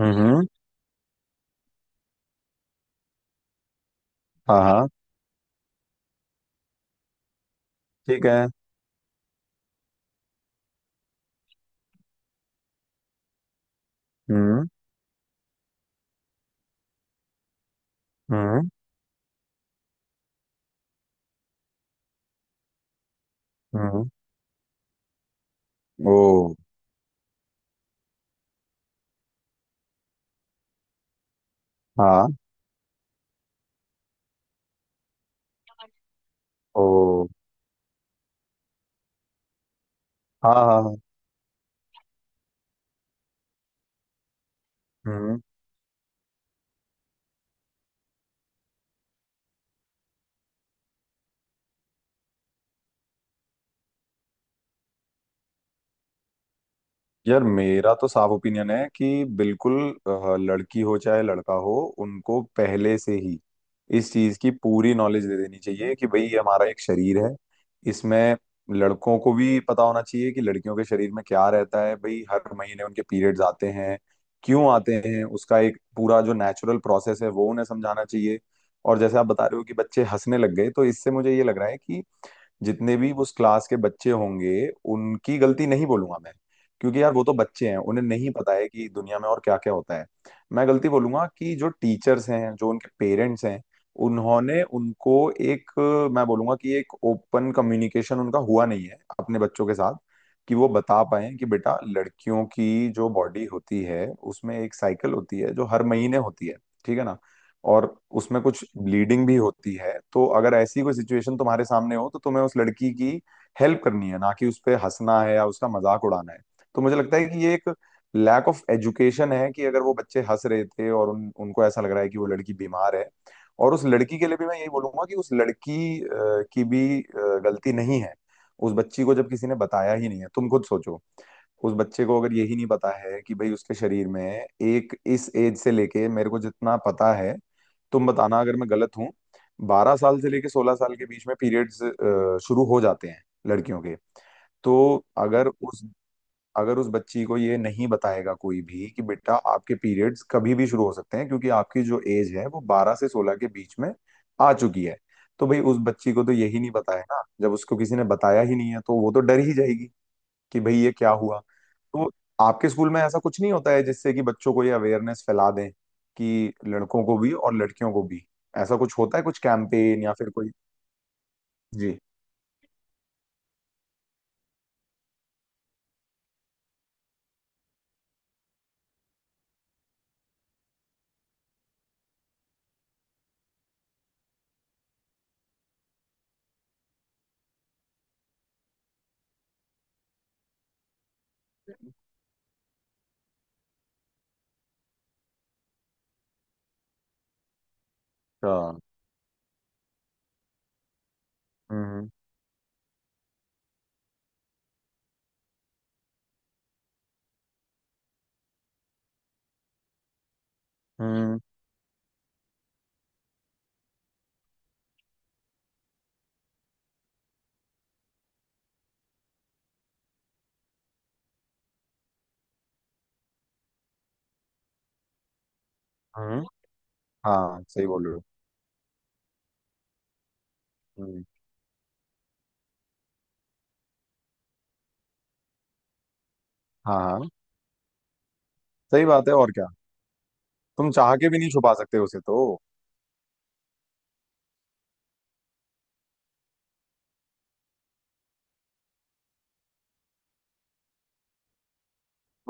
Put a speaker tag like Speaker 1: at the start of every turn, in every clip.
Speaker 1: हम्म। हाँ हाँ। ठीक है। हम्म हम्म हम्म। ओ। हाँ। ओ। हाँ हाँ हाँ, हम्म। यार मेरा तो साफ ओपिनियन है कि बिल्कुल लड़की हो चाहे लड़का हो, उनको पहले से ही इस चीज की पूरी नॉलेज दे देनी चाहिए कि भाई ये हमारा एक शरीर है। इसमें लड़कों को भी पता होना चाहिए कि लड़कियों के शरीर में क्या रहता है, भाई हर महीने उनके पीरियड्स आते हैं। क्यों आते हैं, उसका एक पूरा जो नेचुरल प्रोसेस है वो उन्हें समझाना चाहिए। और जैसे आप बता रहे हो कि बच्चे हंसने लग गए, तो इससे मुझे ये लग रहा है कि जितने भी उस क्लास के बच्चे होंगे, उनकी गलती नहीं बोलूंगा मैं, क्योंकि यार वो तो बच्चे हैं, उन्हें नहीं पता है कि दुनिया में और क्या क्या होता है। मैं गलती बोलूंगा कि जो टीचर्स हैं, जो उनके पेरेंट्स हैं, उन्होंने उनको एक, मैं बोलूंगा कि एक ओपन कम्युनिकेशन उनका हुआ नहीं है अपने बच्चों के साथ, कि वो बता पाए कि बेटा लड़कियों की जो बॉडी होती है, उसमें एक साइकिल होती है जो हर महीने होती है, ठीक है ना। और उसमें कुछ ब्लीडिंग भी होती है, तो अगर ऐसी कोई सिचुएशन तुम्हारे सामने हो, तो तुम्हें उस लड़की की हेल्प करनी है, ना कि उस पे हंसना है या उसका मजाक उड़ाना है। तो मुझे लगता है कि ये एक लैक ऑफ एजुकेशन है कि अगर वो बच्चे हंस रहे थे और उन उनको ऐसा लग रहा है कि वो लड़की बीमार है। और उस लड़की के लिए भी मैं यही बोलूंगा कि उस लड़की की भी गलती नहीं है। उस बच्ची को जब किसी ने बताया ही नहीं है, तुम खुद सोचो, उस बच्चे को अगर यही नहीं पता है कि भाई उसके शरीर में एक, इस एज से लेके मेरे को जितना पता है, तुम बताना अगर मैं गलत हूँ, 12 साल से लेके 16 साल के बीच में पीरियड्स शुरू हो जाते हैं लड़कियों के। तो अगर उस अगर उस बच्ची को ये नहीं बताएगा कोई भी कि बेटा आपके पीरियड्स कभी भी शुरू हो सकते हैं, क्योंकि आपकी जो एज है वो 12 से 16 के बीच में आ चुकी है, तो भाई उस बच्ची को तो यही नहीं पता है ना, जब उसको किसी ने बताया ही नहीं है, तो वो तो डर ही जाएगी कि भाई ये क्या हुआ। तो आपके स्कूल में ऐसा कुछ नहीं होता है जिससे कि बच्चों को ये अवेयरनेस फैला दें कि लड़कों को भी और लड़कियों को भी ऐसा कुछ होता है, कुछ कैंपेन या फिर कोई। जी। हाँ। हम्म हम्म हम्म। हाँ सही बोल रहे हो। हम्म, हाँ हाँ। सही बात है, और क्या। तुम चाह के भी नहीं छुपा सकते उसे तो।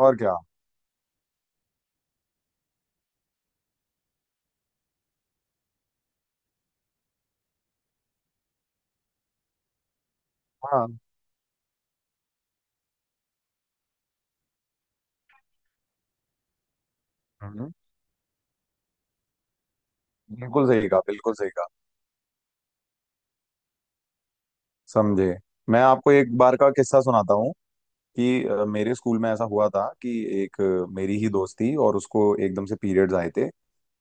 Speaker 1: और क्या। हाँ। हम्म। बिल्कुल सही कहा, बिल्कुल सही कहा। समझे। मैं आपको एक बार का किस्सा सुनाता हूँ, कि मेरे स्कूल में ऐसा हुआ था कि एक, मेरी ही दोस्त थी और उसको एकदम से पीरियड्स आए थे।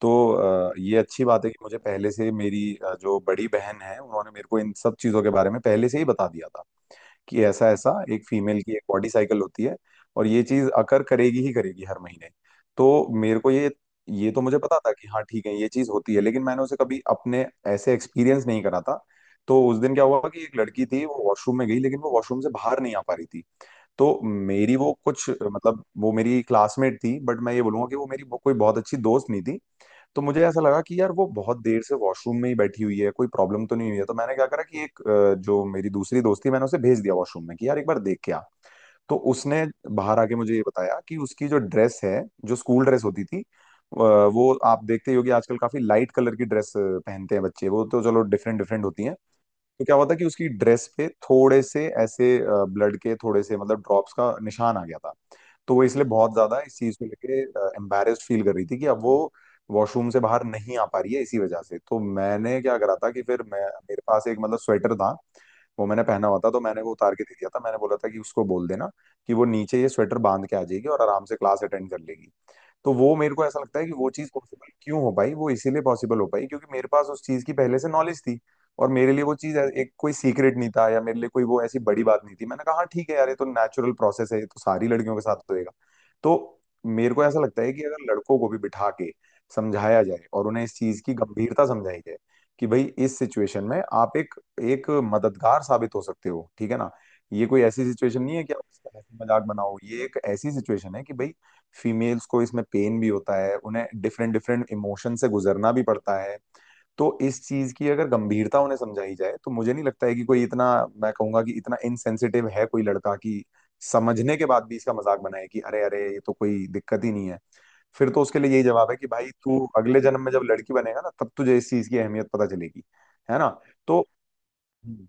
Speaker 1: तो ये अच्छी बात है कि मुझे पहले से मेरी जो बड़ी बहन है उन्होंने मेरे को इन सब चीज़ों के बारे में पहले से ही बता दिया था कि ऐसा ऐसा एक फीमेल की एक बॉडी साइकिल होती है और ये चीज़ अकर करेगी ही करेगी हर महीने। तो मेरे को ये तो मुझे पता था कि हाँ ठीक है ये चीज़ होती है, लेकिन मैंने उसे कभी अपने ऐसे एक्सपीरियंस नहीं करा था। तो उस दिन क्या हुआ कि एक लड़की थी, वो वॉशरूम में गई, लेकिन वो वॉशरूम से बाहर नहीं आ पा रही थी। तो मेरी वो कुछ मतलब वो मेरी क्लासमेट थी, बट मैं ये बोलूंगा कि वो मेरी वो कोई बहुत अच्छी दोस्त नहीं थी। तो मुझे ऐसा लगा कि यार वो बहुत देर से वॉशरूम में ही बैठी हुई है, कोई प्रॉब्लम तो नहीं हुई है। तो मैंने क्या करा कि एक, जो मेरी दूसरी दोस्त थी मैंने उसे भेज दिया वॉशरूम में कि यार एक बार देख के आ। तो उसने बाहर आके मुझे ये बताया कि उसकी जो ड्रेस है, जो स्कूल ड्रेस होती थी, वो आप देखते ही होगे आजकल काफी लाइट कलर की ड्रेस पहनते हैं बच्चे, वो तो चलो डिफरेंट डिफरेंट होती है। तो क्या हुआ था कि उसकी ड्रेस पे थोड़े से ऐसे ब्लड के थोड़े से मतलब ड्रॉप्स का निशान आ गया था। तो वो इसलिए बहुत ज्यादा इस चीज को लेके एम्बेरेस्ड फील कर रही थी कि अब वो वॉशरूम से बाहर नहीं आ पा रही है इसी वजह से। तो मैंने क्या करा था कि फिर मैं मेरे पास एक मतलब स्वेटर था, वो मैंने पहना हुआ था, तो मैंने वो उतार के दे दिया था। मैंने बोला था कि उसको बोल देना कि वो नीचे ये स्वेटर बांध के आ जाएगी और आराम से क्लास अटेंड कर लेगी। तो वो मेरे को ऐसा लगता है कि वो चीज़ पॉसिबल क्यों हो पाई, वो इसीलिए पॉसिबल हो पाई क्योंकि मेरे पास उस चीज़ की पहले से नॉलेज थी। और मेरे लिए वो एक कोई सीक्रेट नहीं था, या मेरे लिए कोई वो ऐसी बड़ी बात नहीं थी। मैंने कहा हाँ ठीक है यार ये तो नेचुरल प्रोसेस है, ये तो सारी लड़कियों के साथ होएगा। तो मेरे को ऐसा लगता है कि अगर लड़कों को भी बिठा के समझाया जाए और उन्हें इस चीज़ की गंभीरता समझाई जाए कि भाई इस सिचुएशन में आप एक एक मददगार साबित हो सकते हो, ठीक है ना। ये कोई ऐसी सिचुएशन नहीं है कि आप इसका हंसी मजाक बनाओ, ये एक ऐसी सिचुएशन है कि भाई फीमेल्स को इसमें पेन भी होता है, उन्हें डिफरेंट डिफरेंट इमोशन से गुजरना भी पड़ता है। तो इस चीज की अगर गंभीरता उन्हें समझाई जाए, तो मुझे नहीं लगता है कि कोई इतना, मैं कहूंगा कि इतना इनसेंसिटिव है कोई लड़का कि समझने के बाद भी इसका मजाक बनाए कि अरे अरे ये तो कोई दिक्कत ही नहीं है। फिर तो उसके लिए यही जवाब है कि भाई तू अगले जन्म में जब लड़की बनेगा ना तब तुझे इस चीज की अहमियत पता चलेगी। है ना। तो हम्म,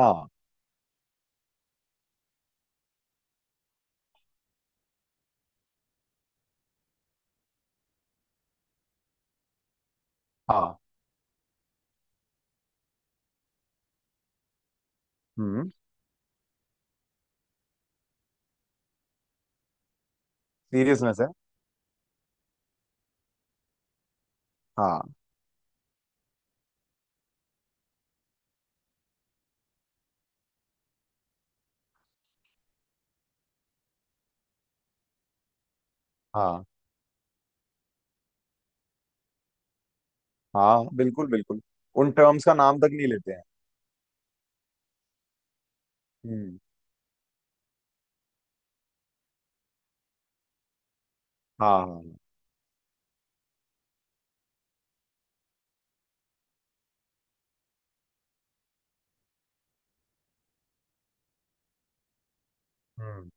Speaker 1: हाँ हाँ। हम्म। सीरियसनेस है। हाँ हाँ हाँ, बिल्कुल बिल्कुल। उन टर्म्स का नाम तक नहीं लेते हैं। हम्म। हाँ हाँ हाँ। हम्म।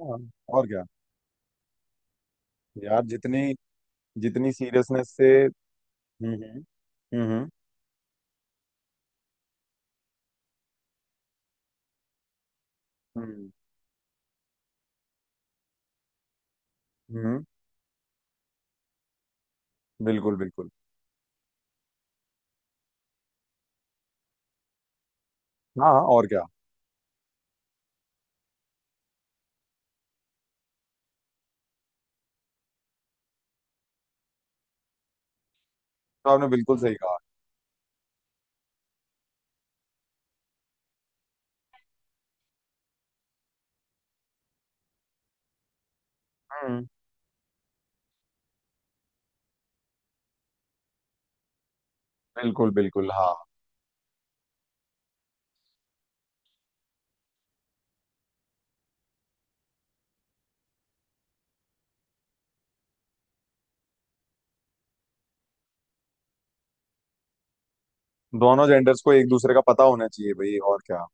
Speaker 1: हाँ, और क्या। यार जितनी जितनी सीरियसनेस से, हम्म हम्म हम्म हम्म हम्म, बिल्कुल बिल्कुल। हाँ हाँ, और क्या। तो आपने बिल्कुल सही कहा। हम्म। बिल्कुल बिल्कुल हाँ। दोनों जेंडर्स को एक दूसरे का पता होना चाहिए भाई, और क्या।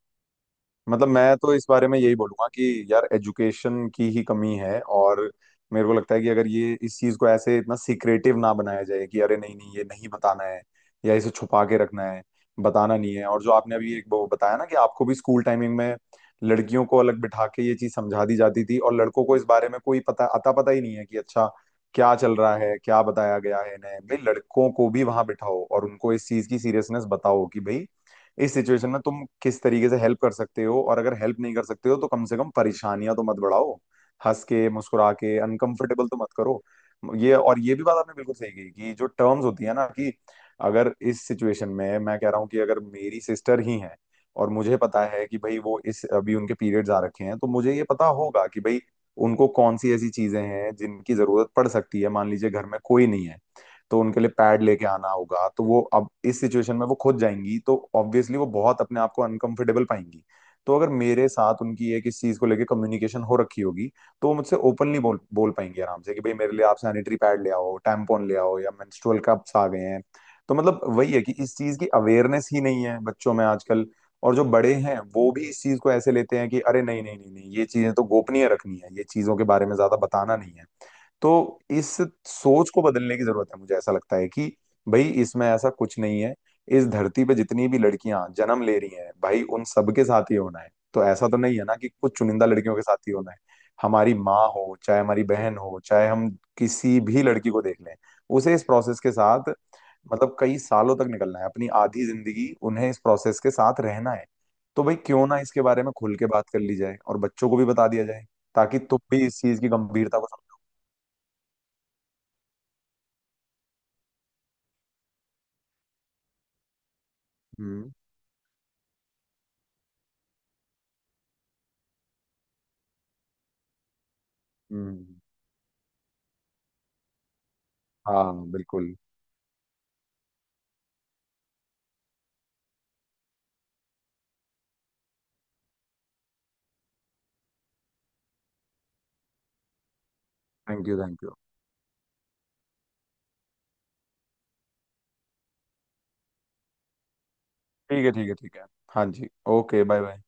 Speaker 1: मतलब मैं तो इस बारे में यही बोलूंगा कि यार एजुकेशन की ही कमी है। और मेरे को लगता है कि अगर ये इस चीज को ऐसे इतना सीक्रेटिव ना बनाया जाए कि अरे नहीं नहीं, ये नहीं बताना है या इसे छुपा के रखना है, बताना नहीं है। और जो आपने अभी एक वो बताया ना कि आपको भी स्कूल टाइमिंग में लड़कियों को अलग बिठा के ये चीज समझा दी जाती थी, और लड़कों को इस बारे में कोई पता अता पता ही नहीं है कि अच्छा क्या चल रहा है, क्या बताया गया है इन्हें। भाई लड़कों को भी वहां बिठाओ और उनको इस चीज की सीरियसनेस बताओ कि भाई इस सिचुएशन में तुम किस तरीके से हेल्प कर सकते हो, और अगर हेल्प नहीं कर सकते हो तो कम से कम परेशानियां तो मत बढ़ाओ, हंस के मुस्कुरा के अनकंफर्टेबल तो मत करो। ये, और ये भी बात आपने बिल्कुल सही कही कि जो टर्म्स होती है ना, कि अगर इस सिचुएशन में मैं कह रहा हूँ कि अगर मेरी सिस्टर ही है और मुझे पता है कि भाई वो इस अभी उनके पीरियड्स आ रखे हैं, तो मुझे ये पता होगा कि भाई उनको कौन सी ऐसी चीजें हैं जिनकी जरूरत पड़ सकती है। मान लीजिए घर में कोई नहीं है, तो उनके लिए पैड लेके आना होगा, तो वो अब इस सिचुएशन में वो खुद जाएंगी तो ऑब्वियसली वो बहुत अपने आप को अनकंफर्टेबल पाएंगी। तो अगर मेरे साथ उनकी एक इस चीज को लेके कम्युनिकेशन हो रखी होगी, तो वो मुझसे ओपनली बोल बोल पाएंगी आराम से कि भाई मेरे लिए आप सैनिटरी पैड ले आओ, टैम्पॉन ले आओ या मेंस्ट्रुअल कप्स आ गए हैं। तो मतलब वही है कि इस चीज की अवेयरनेस ही नहीं है बच्चों में आजकल, और जो बड़े हैं वो भी इस चीज को ऐसे लेते हैं कि अरे नहीं नहीं नहीं नहीं, ये चीजें तो गोपनीय रखनी है, ये चीजों के बारे में ज्यादा बताना नहीं है। तो इस सोच को बदलने की जरूरत है। मुझे ऐसा लगता है कि भाई इसमें ऐसा कुछ नहीं है, इस धरती पे जितनी भी लड़कियां जन्म ले रही हैं भाई उन सबके साथ ही होना है। तो ऐसा तो नहीं है ना कि कुछ चुनिंदा लड़कियों के साथ ही होना है। हमारी माँ हो, चाहे हमारी बहन हो, चाहे हम किसी भी लड़की को देख लें, उसे इस प्रोसेस के साथ मतलब कई सालों तक निकलना है, अपनी आधी जिंदगी उन्हें इस प्रोसेस के साथ रहना है। तो भाई क्यों ना इसके बारे में खुल के बात कर ली जाए और बच्चों को भी बता दिया जाए, ताकि तुम भी इस चीज की गंभीरता को समझो। हम्म हम्म। हाँ बिल्कुल। Thank you thank you. ठीक है ठीक है ठीक है। हाँ जी। Okay bye bye.